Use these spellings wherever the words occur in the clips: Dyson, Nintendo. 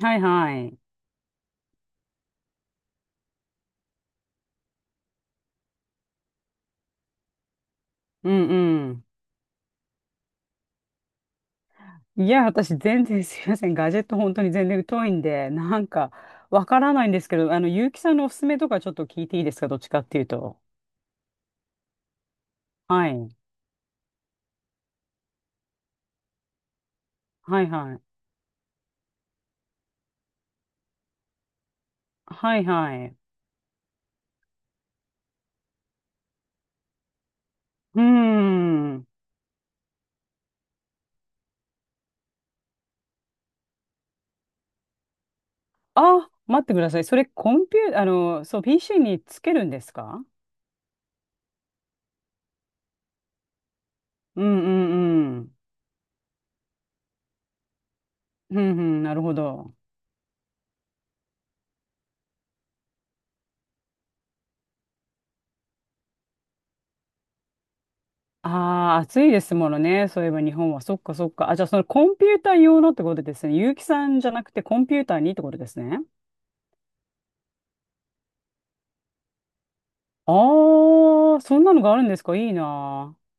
はいはい。うんうん。いや、私全然すいません。ガジェット本当に全然疎いんで、なんかわからないんですけど、結城さんのおすすめとかちょっと聞いていいですか、どっちかっていうと？はい。はいはい。はいはい。うーん。あ、待ってください。それコンピュー、そう、PC につけるんですか？うんうんうん。うんうん、なるほど。ああ、暑いですものね。そういえば日本は。そっかそっか。あ、じゃあそのコンピューター用のってことですね。結城さんじゃなくてコンピューターにってことですね。ああ、そんなのがあるんですか、いいなあ。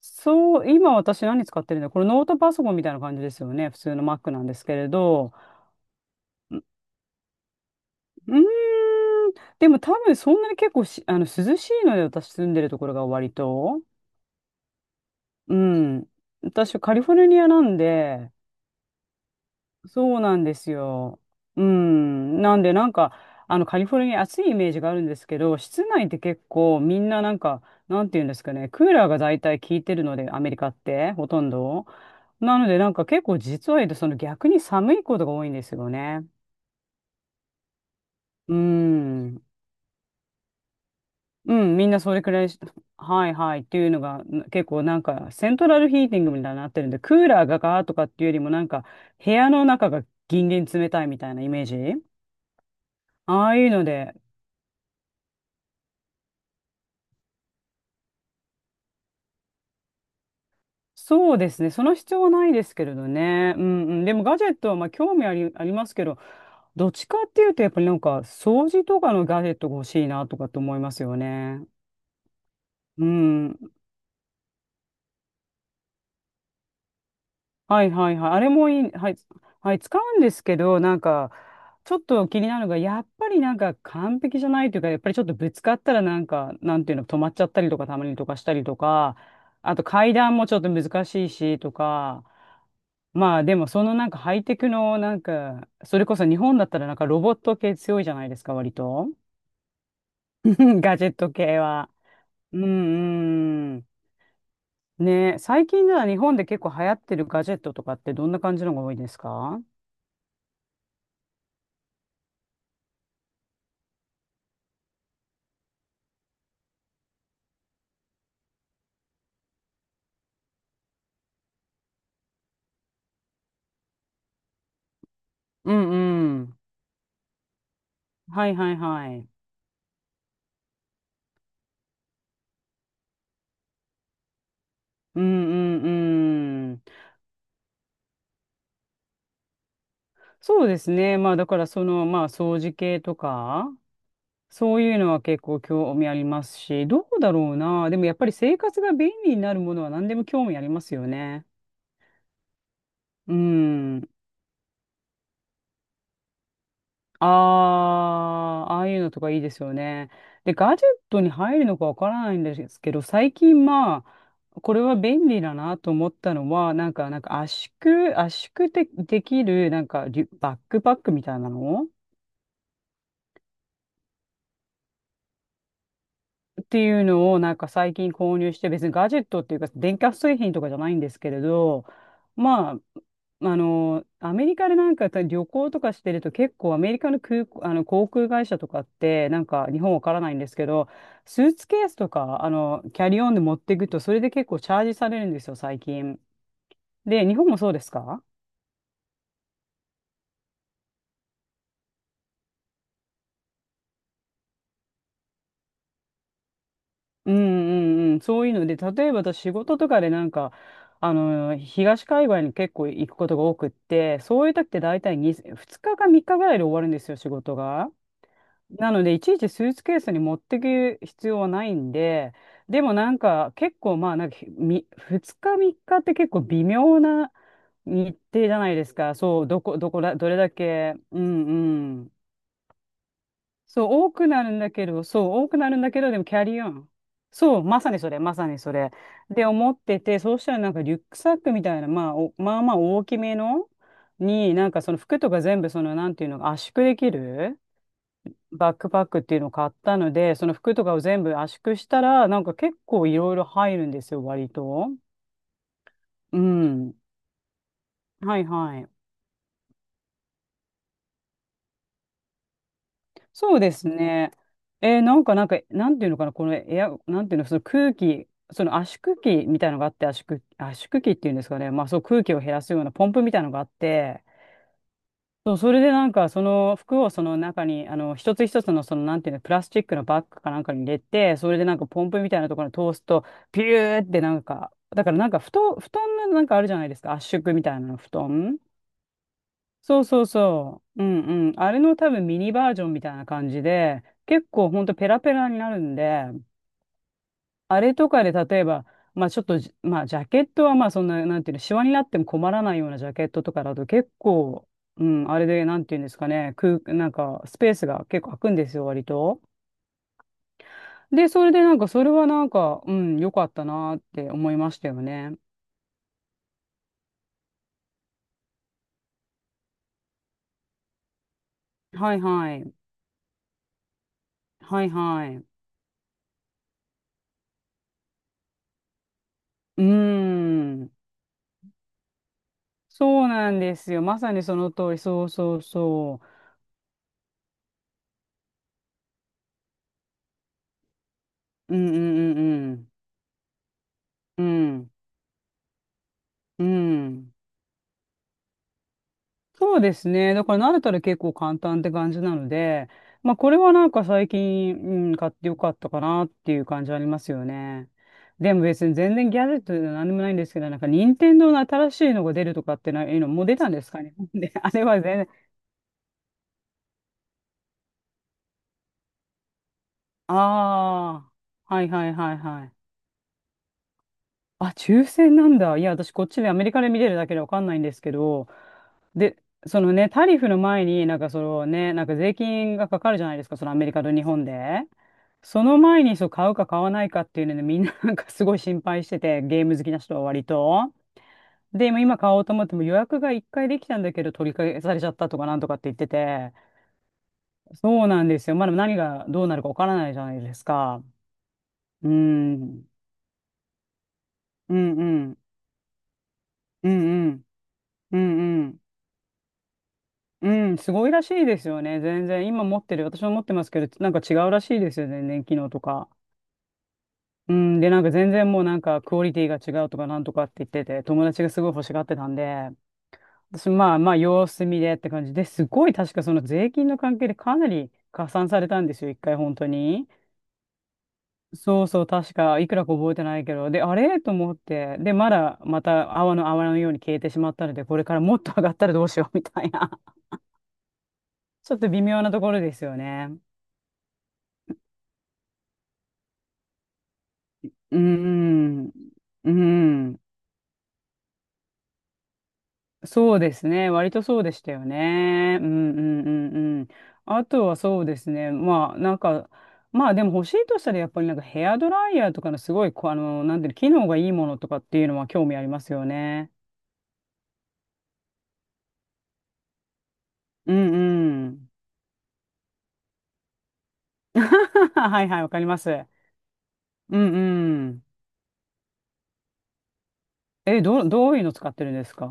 そう、今私何使ってるんだ、これノートパソコンみたいな感じですよね。普通の Mac なんですけれど。ううーん、でも多分そんなに結構し、涼しいので、私住んでるところが割と。うん。私カリフォルニアなんで、そうなんですよ。うん。なんで、なんか、カリフォルニア暑いイメージがあるんですけど、室内って結構みんななんか、なんていうんですかね、クーラーが大体効いてるので、アメリカって、ほとんど。なので、なんか結構実は言うと、その逆に寒いことが多いんですよね。うん。うん、みんなそれくらいし、はいはいっていうのが、結構なんか、セントラルヒーティングみたいになってるんで、クーラーがガーとかっていうよりも、なんか、部屋の中がギンギン冷たいみたいなイメージ。ああいうので、そうですね。その必要はないですけれどね。うんうん。でもガジェットはまあ興味あり、ありますけど、どっちかっていうとやっぱりなんか掃除とかのガジェットが欲しいなとかと思いますよね。うん。はいはいはい。あれもいい。はい。はい。使うんですけど、なんかちょっと気になるのが、やっぱりなんか完璧じゃないというか、やっぱりちょっとぶつかったらなんか、なんていうの、止まっちゃったりとか、たまにとかしたりとか、あと階段もちょっと難しいしとか、まあでもそのなんかハイテクのなんか、それこそ日本だったらなんかロボット系強いじゃないですか、割と。ガジェット系は。うんうん。ね、最近では日本で結構流行ってるガジェットとかってどんな感じのが多いですか？うんうん。はいはいはい。うんうんうん。そうですね。まあだからその、まあ掃除系とか、そういうのは結構興味ありますし、どうだろうな。でもやっぱり生活が便利になるものは何でも興味ありますよね。うん。ああ、ああいうのとかいいですよね。で、ガジェットに入るのかわからないんですけど、最近まあ、これは便利だなと思ったのは、なんか圧縮で、できる、なんかリュ、バックパックみたいなのっていうのをなんか最近購入して、別にガジェットっていうか電化製品とかじゃないんですけれど、まあ、あのアメリカでなんか旅行とかしてると、結構アメリカの空港、あの航空会社とかってなんか、日本わからないんですけど、スーツケースとかキャリーオンで持っていくと、それで結構チャージされるんですよ、最近。で、日本もそうですか？うんうんうん、そういうので、例えば私仕事とかでなんか、東海外に結構行くことが多くって、そういう時って大体2日か3日ぐらいで終わるんですよ、仕事が。なので、いちいちスーツケースに持ってく必要はないんで、でもなんか結構まあ、なんか2日3日っかって結構微妙な日程じゃないですか。そう、どこだ、どれだけ。うんうん。そう、多くなるんだけど、そう、多くなるんだけど、でもキャリーオン。そう、まさにそれ、まさにそれ。で、思ってて、そうしたらなんかリュックサックみたいな、まあ、まあまあ大きめのに、なんかその服とか全部、その、なんていうの、圧縮できるバックパックっていうのを買ったので、その服とかを全部圧縮したら、なんか結構いろいろ入るんですよ、割と。うん。はいはい。そうですね。なんか、なんていうのかな、このなんていうの、その空気、その圧縮機みたいのがあって、圧縮機っていうんですかね、まあ、そう空気を減らすようなポンプみたいのがあって、そうそれでなんか、その服をその中に、一つ一つの、その、なんていうの、プラスチックのバッグかなんかに入れて、それでなんか、ポンプみたいなところに通すと、ピューってなんか、だからなんか、布団のなんかあるじゃないですか、圧縮みたいなの、布団。そうそうそう。うんうん。あれの多分ミニバージョンみたいな感じで、結構ほんとペラペラになるんで、あれとかで例えば、まあちょっとじ、まあジャケットはまあそんな、なんていうの、シワになっても困らないようなジャケットとかだと結構、うん、あれで、なんていうんですかね、なんかスペースが結構空くんですよ、割と。で、それでなんか、それはなんか、うん、良かったなって思いましたよね。はいはい。はいはい。うーん。そうなんですよ。まさにその通り。そうそうそう。うんうんうんうん。うん。うん。そうですね。だから慣れたら結構簡単って感じなので、まあこれはなんか最近、うん、買ってよかったかなっていう感じありますよね。でも別に全然ギャジェットと何でもないんですけど、なんか任天堂の新しいのが出るとかってないの、もう出たんですかね。で、あれは全然、ああ、はいはいはいはい。あ、抽選なんだ。いや、私こっちでアメリカで見てるだけでわかんないんですけど、で、そのね、タリフの前になんかそのね、なんか税金がかかるじゃないですか、そのアメリカと日本で。その前にそう買うか買わないかっていうので、みんな なんかすごい心配してて、ゲーム好きな人は割と。で、今買おうと思っても予約が1回できたんだけど取り消されちゃったとかなんとかって言ってて、そうなんですよ。まだ何がどうなるかわからないじゃないですか。うん。うんうん。うんうん。うんうん。うん、すごいらしいですよね、全然。今持ってる、私も持ってますけど、なんか違うらしいですよね、全然機能とか。うん、で、なんか全然もうなんかクオリティが違うとかなんとかって言ってて、友達がすごい欲しがってたんで、私まあまあ様子見でって感じで、すごい、確かその税金の関係でかなり加算されたんですよ、一回本当に。そうそう、確かいくらか覚えてないけど、で、あれと思って、で、まだまた泡のように消えてしまったので、これからもっと上がったらどうしようみたいな、ちょっと微妙なところですよね。うーん、うーん、そうですね。割とそうでしたよね。うんうんうんうん。あとはそうですね。まあなんか、まあでも欲しいとしたらやっぱりなんかヘアドライヤーとかのすごいこう、なんていうの、機能がいいものとかっていうのは興味ありますよね。うんうん。はいはい、わかります。うんうん。え、どういうの使ってるんですか？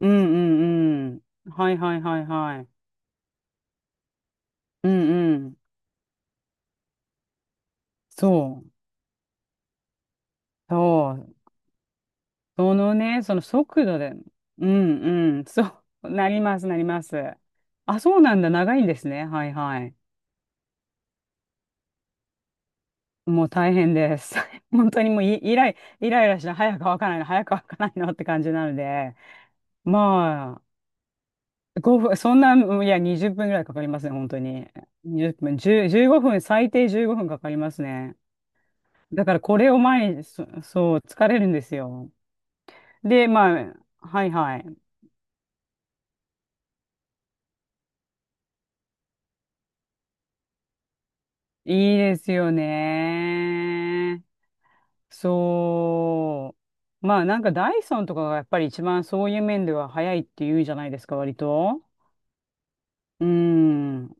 うんうんうん。はいはいはいはい。うんうん。そう。そう。そのね、その速度で、うんうん、そう、なります、なります。あ、そうなんだ、長いんですね。はいはい。もう大変です。本当にもうイライラして、早く乾かないの、早く乾かないのって感じなので、まあ、5分、そんな、うん、いや、20分ぐらいかかりますね、本当に。2分、10、15分、最低15分かかりますね。だからこれを前に、そう、疲れるんですよ。で、まあ、はいはい。いいですよね。そう。まあなんかダイソンとかがやっぱり一番そういう面では早いって言うじゃないですか、割と。うん。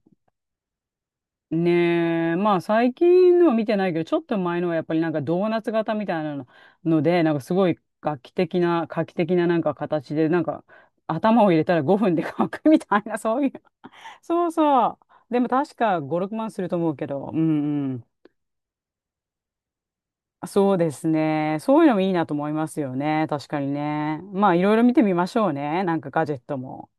ねえ。まあ最近のは見てないけど、ちょっと前のはやっぱりなんかドーナツ型みたいなのので、なんかすごい画期的ななんか形で、なんか頭を入れたら5分で乾くみたいな、そういう。そうそう。でも確か5、6万すると思うけど。うんうん。そうですね。そういうのもいいなと思いますよね。確かにね。まあ、いろいろ見てみましょうね。なんかガジェットも。